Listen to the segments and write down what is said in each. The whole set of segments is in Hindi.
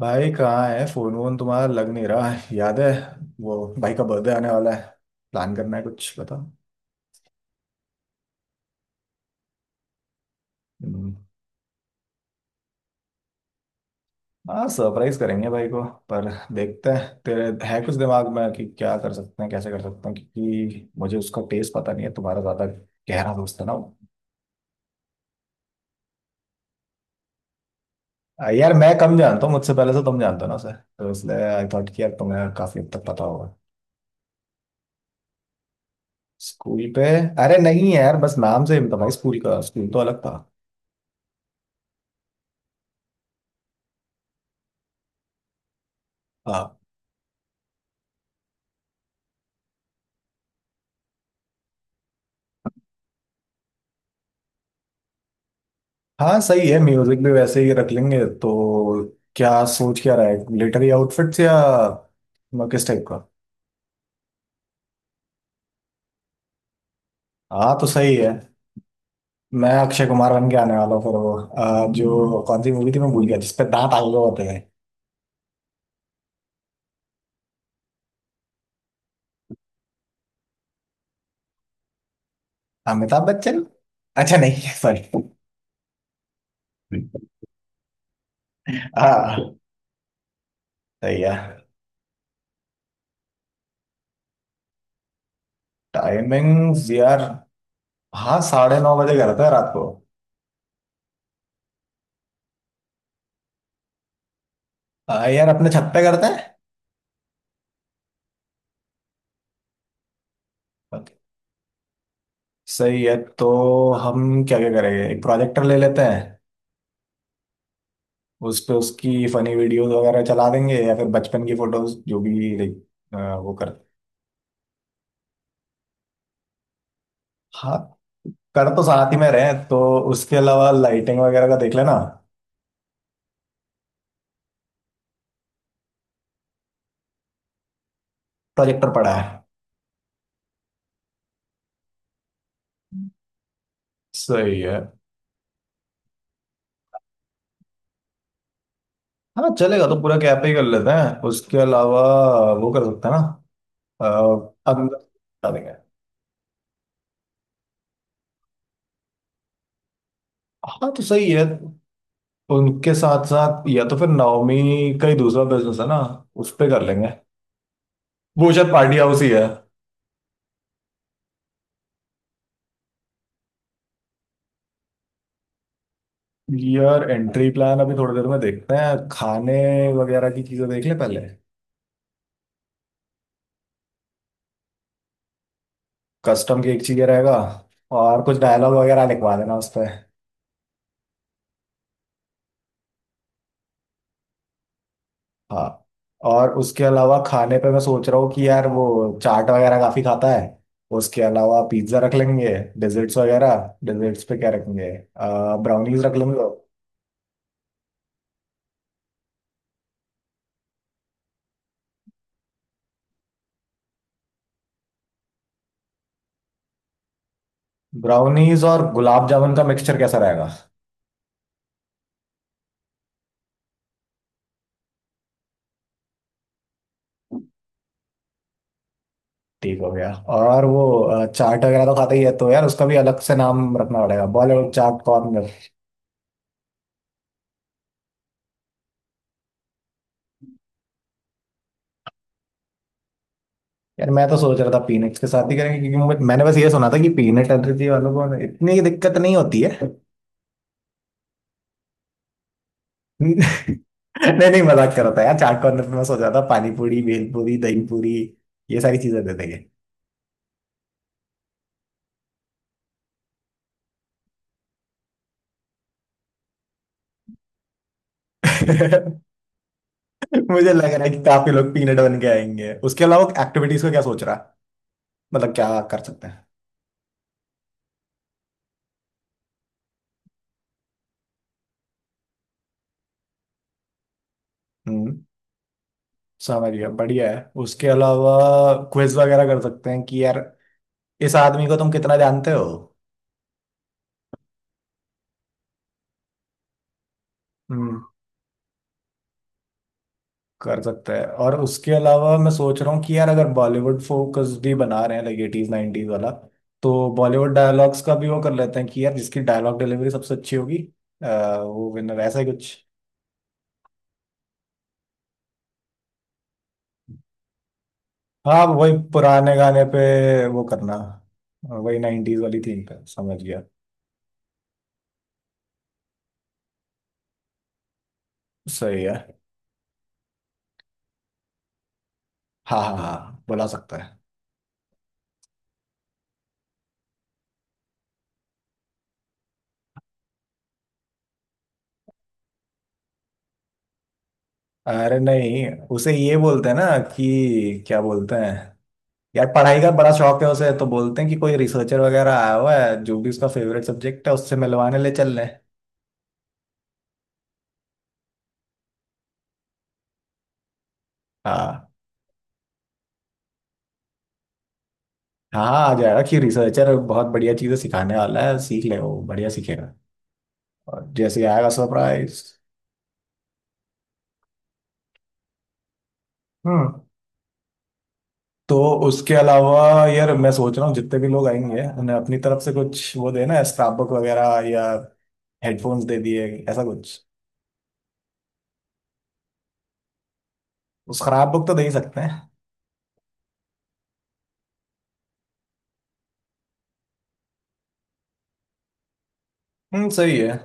भाई कहाँ है फोन वोन तुम्हारा। लग नहीं रहा है। याद है वो भाई का बर्थडे आने वाला है। प्लान करना है कुछ बता। हम्म। हाँ सरप्राइज करेंगे भाई को। पर देखते हैं तेरे है कुछ दिमाग में कि क्या कर सकते हैं कैसे कर सकते हैं क्योंकि मुझे उसका टेस्ट पता नहीं है। तुम्हारा ज्यादा गहरा दोस्त है ना वो। यार मैं कम जानता हूँ। मुझसे पहले से तुम जानते हो ना उसे तो इसलिए आई थॉट कि यार तुम्हें काफी हद तक पता होगा। स्कूल पे। अरे नहीं यार बस नाम से ही था भाई। स्कूल का स्कूल तो अलग था। हाँ। हाँ सही है। म्यूजिक भी वैसे ही रख लेंगे तो। क्या। सोच क्या रहा है मिलिट्री आउटफिट्स या किस टाइप का। हाँ तो सही है। मैं अक्षय कुमार बन के आने वाला हूँ फिर वो। जो कौन सी मूवी थी मैं भूल गया जिसपे दांत आगे होते हैं। अमिताभ बच्चन। अच्छा नहीं सॉरी। हाँ सही है। टाइमिंग्स यार। हाँ 9:30 बजे करते हैं रात को। यार अपने छत पे करते हैं। Okay. सही है तो। हम क्या क्या करेंगे एक प्रोजेक्टर ले लेते हैं। उस पे उसकी फनी वीडियोस वगैरह चला देंगे या फिर बचपन की फोटोज जो भी लाइक। वो कर। हाँ। कर तो साथ ही में रहे तो। उसके अलावा लाइटिंग वगैरह का देख लेना। प्रोजेक्टर पड़ा है। सही है। हाँ चलेगा तो पूरा कैफे ही कर लेते हैं उसके अलावा। वो कर सकते हैं ना। अ, अंदर बता देंगे। हाँ तो सही है। उनके साथ साथ या तो फिर नवमी का ही दूसरा बिजनेस है ना। उस पे कर लेंगे। वो शायद पार्टी हाउस ही है। यार एंट्री प्लान अभी थोड़ी देर में देखते हैं। खाने वगैरह की चीजें देख ले पहले। कस्टम केक चाहिए रहेगा। और कुछ डायलॉग वगैरह लिखवा देना उस पर। हाँ। और उसके अलावा खाने पे मैं सोच रहा हूँ कि यार वो चाट वगैरह काफी खाता है। उसके अलावा पिज्जा रख लेंगे। डेजर्ट्स वगैरह। डेजर्ट्स पे क्या रखेंगे। ब्राउनीज रख लेंगे। ब्राउनीज और गुलाब जामुन का मिक्सचर कैसा रहेगा। ठीक हो गया। और वो चाट वगैरह तो खाता ही है तो यार उसका भी अलग से नाम रखना पड़ेगा बॉलीवुड चाट कॉर्नर। यार मैं तो सोच रहा था पीनट्स के साथ ही करेंगे क्योंकि मैंने बस ये सुना था कि पीनट एलर्जी वालों को इतनी दिक्कत नहीं होती है। नहीं नहीं मजाक कर रहा था यार। चाट कॉर्नर पे मैं सोच रहा था पानी पूरी भेल पूरी दही पूरी ये सारी चीजें दे देंगे। मुझे लग रहा है कि काफी लोग पीनट बन के आएंगे। उसके अलावा एक्टिविटीज का क्या सोच रहा है। मतलब क्या कर सकते हैं। हम्म। समझ गया बढ़िया है। उसके अलावा क्विज वगैरह कर सकते हैं कि यार इस आदमी को तुम कितना जानते हो। हम्म। कर सकता है। और उसके अलावा मैं सोच रहा हूँ कि यार अगर बॉलीवुड फोकस भी बना रहे हैं लाइक एटीज नाइनटीज वाला। तो बॉलीवुड डायलॉग्स का भी वो कर लेते हैं कि यार जिसकी डायलॉग डिलीवरी सबसे अच्छी होगी वो विनर ऐसा ही कुछ। हाँ वही पुराने गाने पे वो करना। वही नाइनटीज वाली थीम पे समझ गया। सही है। हाँ हाँ हाँ बुला सकता है। अरे नहीं उसे ये बोलते हैं ना कि क्या बोलते हैं। यार पढ़ाई का बड़ा शौक है उसे तो बोलते हैं कि कोई रिसर्चर वगैरह आया हुआ है जो भी उसका फेवरेट सब्जेक्ट है उससे मिलवाने ले चल रहे हैं। हाँ। हाँ आ जाएगा कि रिसर्चर बहुत बढ़िया चीजें सिखाने वाला है सीख ले वो बढ़िया सीखेगा। और जैसे ही आएगा सरप्राइज। हम्म। तो उसके अलावा यार मैं सोच रहा हूँ जितने भी लोग आएंगे उन्हें अपनी तरफ से कुछ वो देना स्क्रैप बुक वगैरह या हेडफोन्स दे दिए ऐसा कुछ। स्क्रैप बुक तो दे ही सकते हैं। सही है।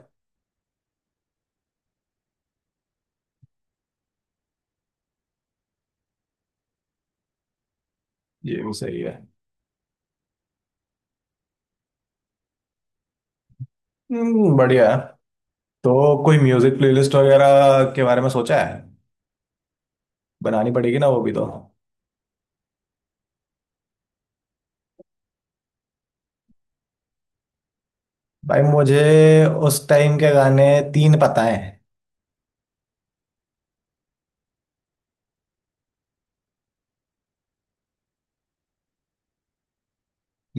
ये भी सही है। बढ़िया है। तो कोई म्यूजिक प्लेलिस्ट वगैरह के बारे में सोचा है। बनानी पड़ेगी ना वो भी तो। भाई मुझे उस टाइम के गाने तीन पता है।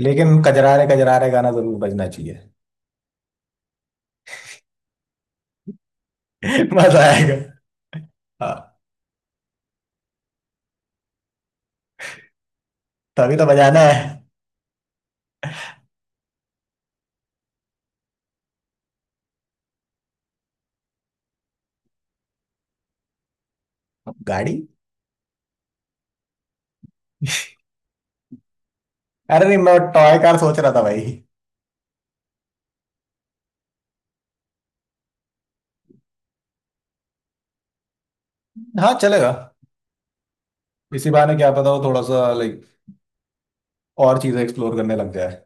लेकिन कजरारे कजरारे गाना जरूर बजना चाहिए। मजा आएगा। हाँ तभी तो बजाना है। गाड़ी। अरे नहीं मैं टॉय कार सोच रहा था भाई। हाँ चलेगा। इसी बहाने क्या पता वो थोड़ा सा लाइक और चीजें एक्सप्लोर करने लग जाए।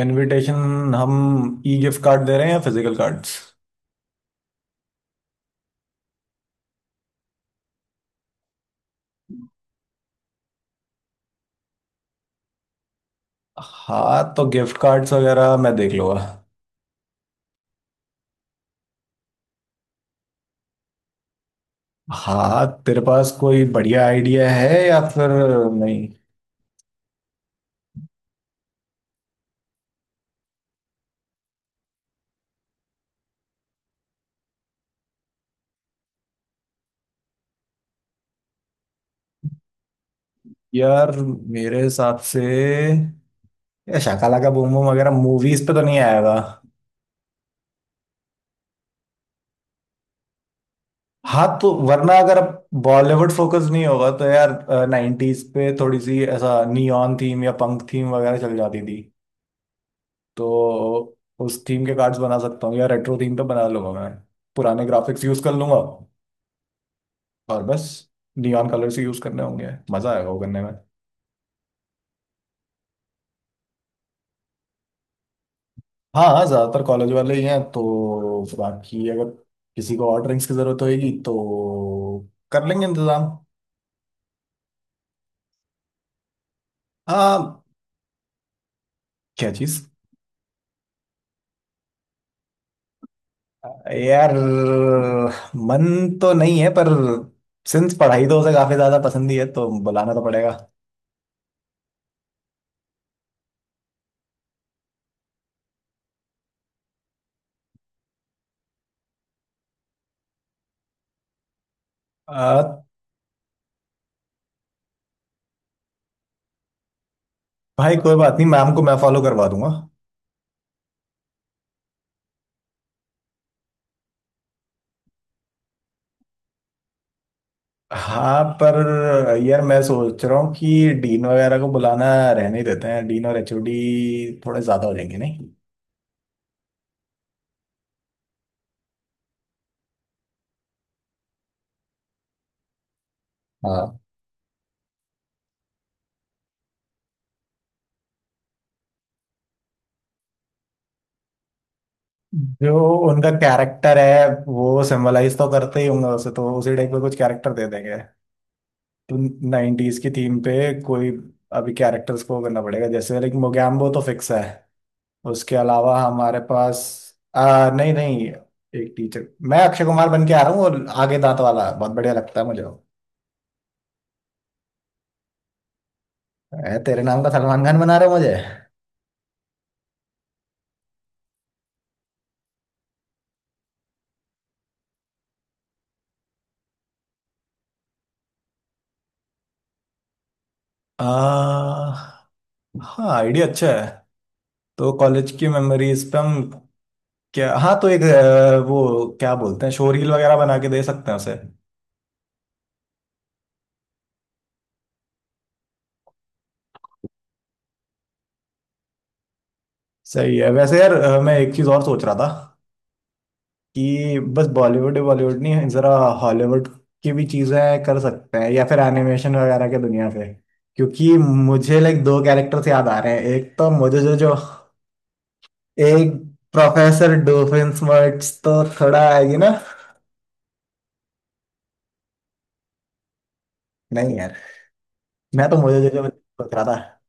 इनविटेशन हम ई गिफ्ट कार्ड दे रहे हैं या फिजिकल कार्ड्स। हाँ तो गिफ्ट कार्ड्स वगैरह मैं देख लूंगा। हाँ तेरे पास कोई बढ़िया आइडिया है या फिर। नहीं यार मेरे हिसाब से या शाकाला का बूम बूम वगैरह मूवीज पे तो नहीं आएगा। हाँ तो वरना अगर बॉलीवुड फोकस नहीं होगा तो यार नाइन्टीज पे थोड़ी सी ऐसा नियॉन थीम या पंक थीम वगैरह चल जाती थी। तो उस थीम के कार्ड्स बना सकता हूँ या रेट्रो थीम पे बना लूंगा मैं। पुराने ग्राफिक्स यूज कर लूंगा और बस नियॉन कलर्स यूज करने होंगे। मजा आएगा वो करने में। हाँ हाँ ज्यादातर कॉलेज वाले ही हैं तो बाकी अगर किसी को और ड्रिंक्स की जरूरत होगी तो कर लेंगे इंतजाम। हाँ। क्या चीज। यार मन तो नहीं है पर सिंस पढ़ाई तो उसे काफी ज्यादा पसंद ही है तो बुलाना तो पड़ेगा। आ, भाई कोई बात नहीं मैम को मैं फॉलो करवा दूंगा। हाँ पर यार मैं सोच रहा हूँ कि डीन वगैरह को बुलाना रहने ही देते हैं। डीन और एचओडी थोड़े ज्यादा हो जाएंगे नहीं। जो उनका कैरेक्टर है वो सिंबलाइज तो करते ही होंगे उसे तो उसी टाइप का कुछ कैरेक्टर दे देंगे। तो नाइनटीज की थीम पे कोई अभी कैरेक्टर्स को करना पड़ेगा जैसे लाइक मोगैम्बो तो फिक्स है। उसके अलावा हमारे पास नहीं नहीं एक टीचर मैं अक्षय कुमार बन के आ रहा हूँ और आगे दांत वाला बहुत बढ़िया लगता है मुझे वो। तेरे नाम का सलमान खान बना रहे हो मुझे। आ, हाँ आइडिया अच्छा है। तो कॉलेज की मेमोरीज पे हम क्या। हाँ तो एक वो क्या बोलते हैं शोरील वगैरह बना के दे सकते हैं उसे। सही है वैसे यार मैं एक चीज और सोच रहा था। कि बस बॉलीवुड बॉलीवुड नहीं जरा हॉलीवुड की भी चीजें कर सकते हैं या फिर एनिमेशन वगैरह के दुनिया से क्योंकि मुझे लाइक दो कैरेक्टर्स याद आ रहे हैं। एक तो मुझे जो जो। एक प्रोफेसर डोफिन स्मर्ट्स तो थोड़ा आएगी ना। नहीं यार मैं तो मुझे जो जो सोच रहा था।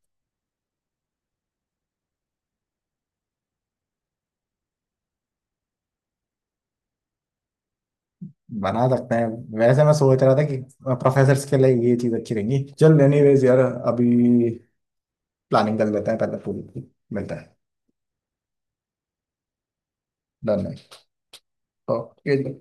बना सकते हैं। वैसे मैं सोच रहा था कि प्रोफेसर्स के लिए ये चीज अच्छी रहेगी। चल एनीवेज यार अभी प्लानिंग कर लेते हैं पहले पूरी। मिलता है। डन है। ओके।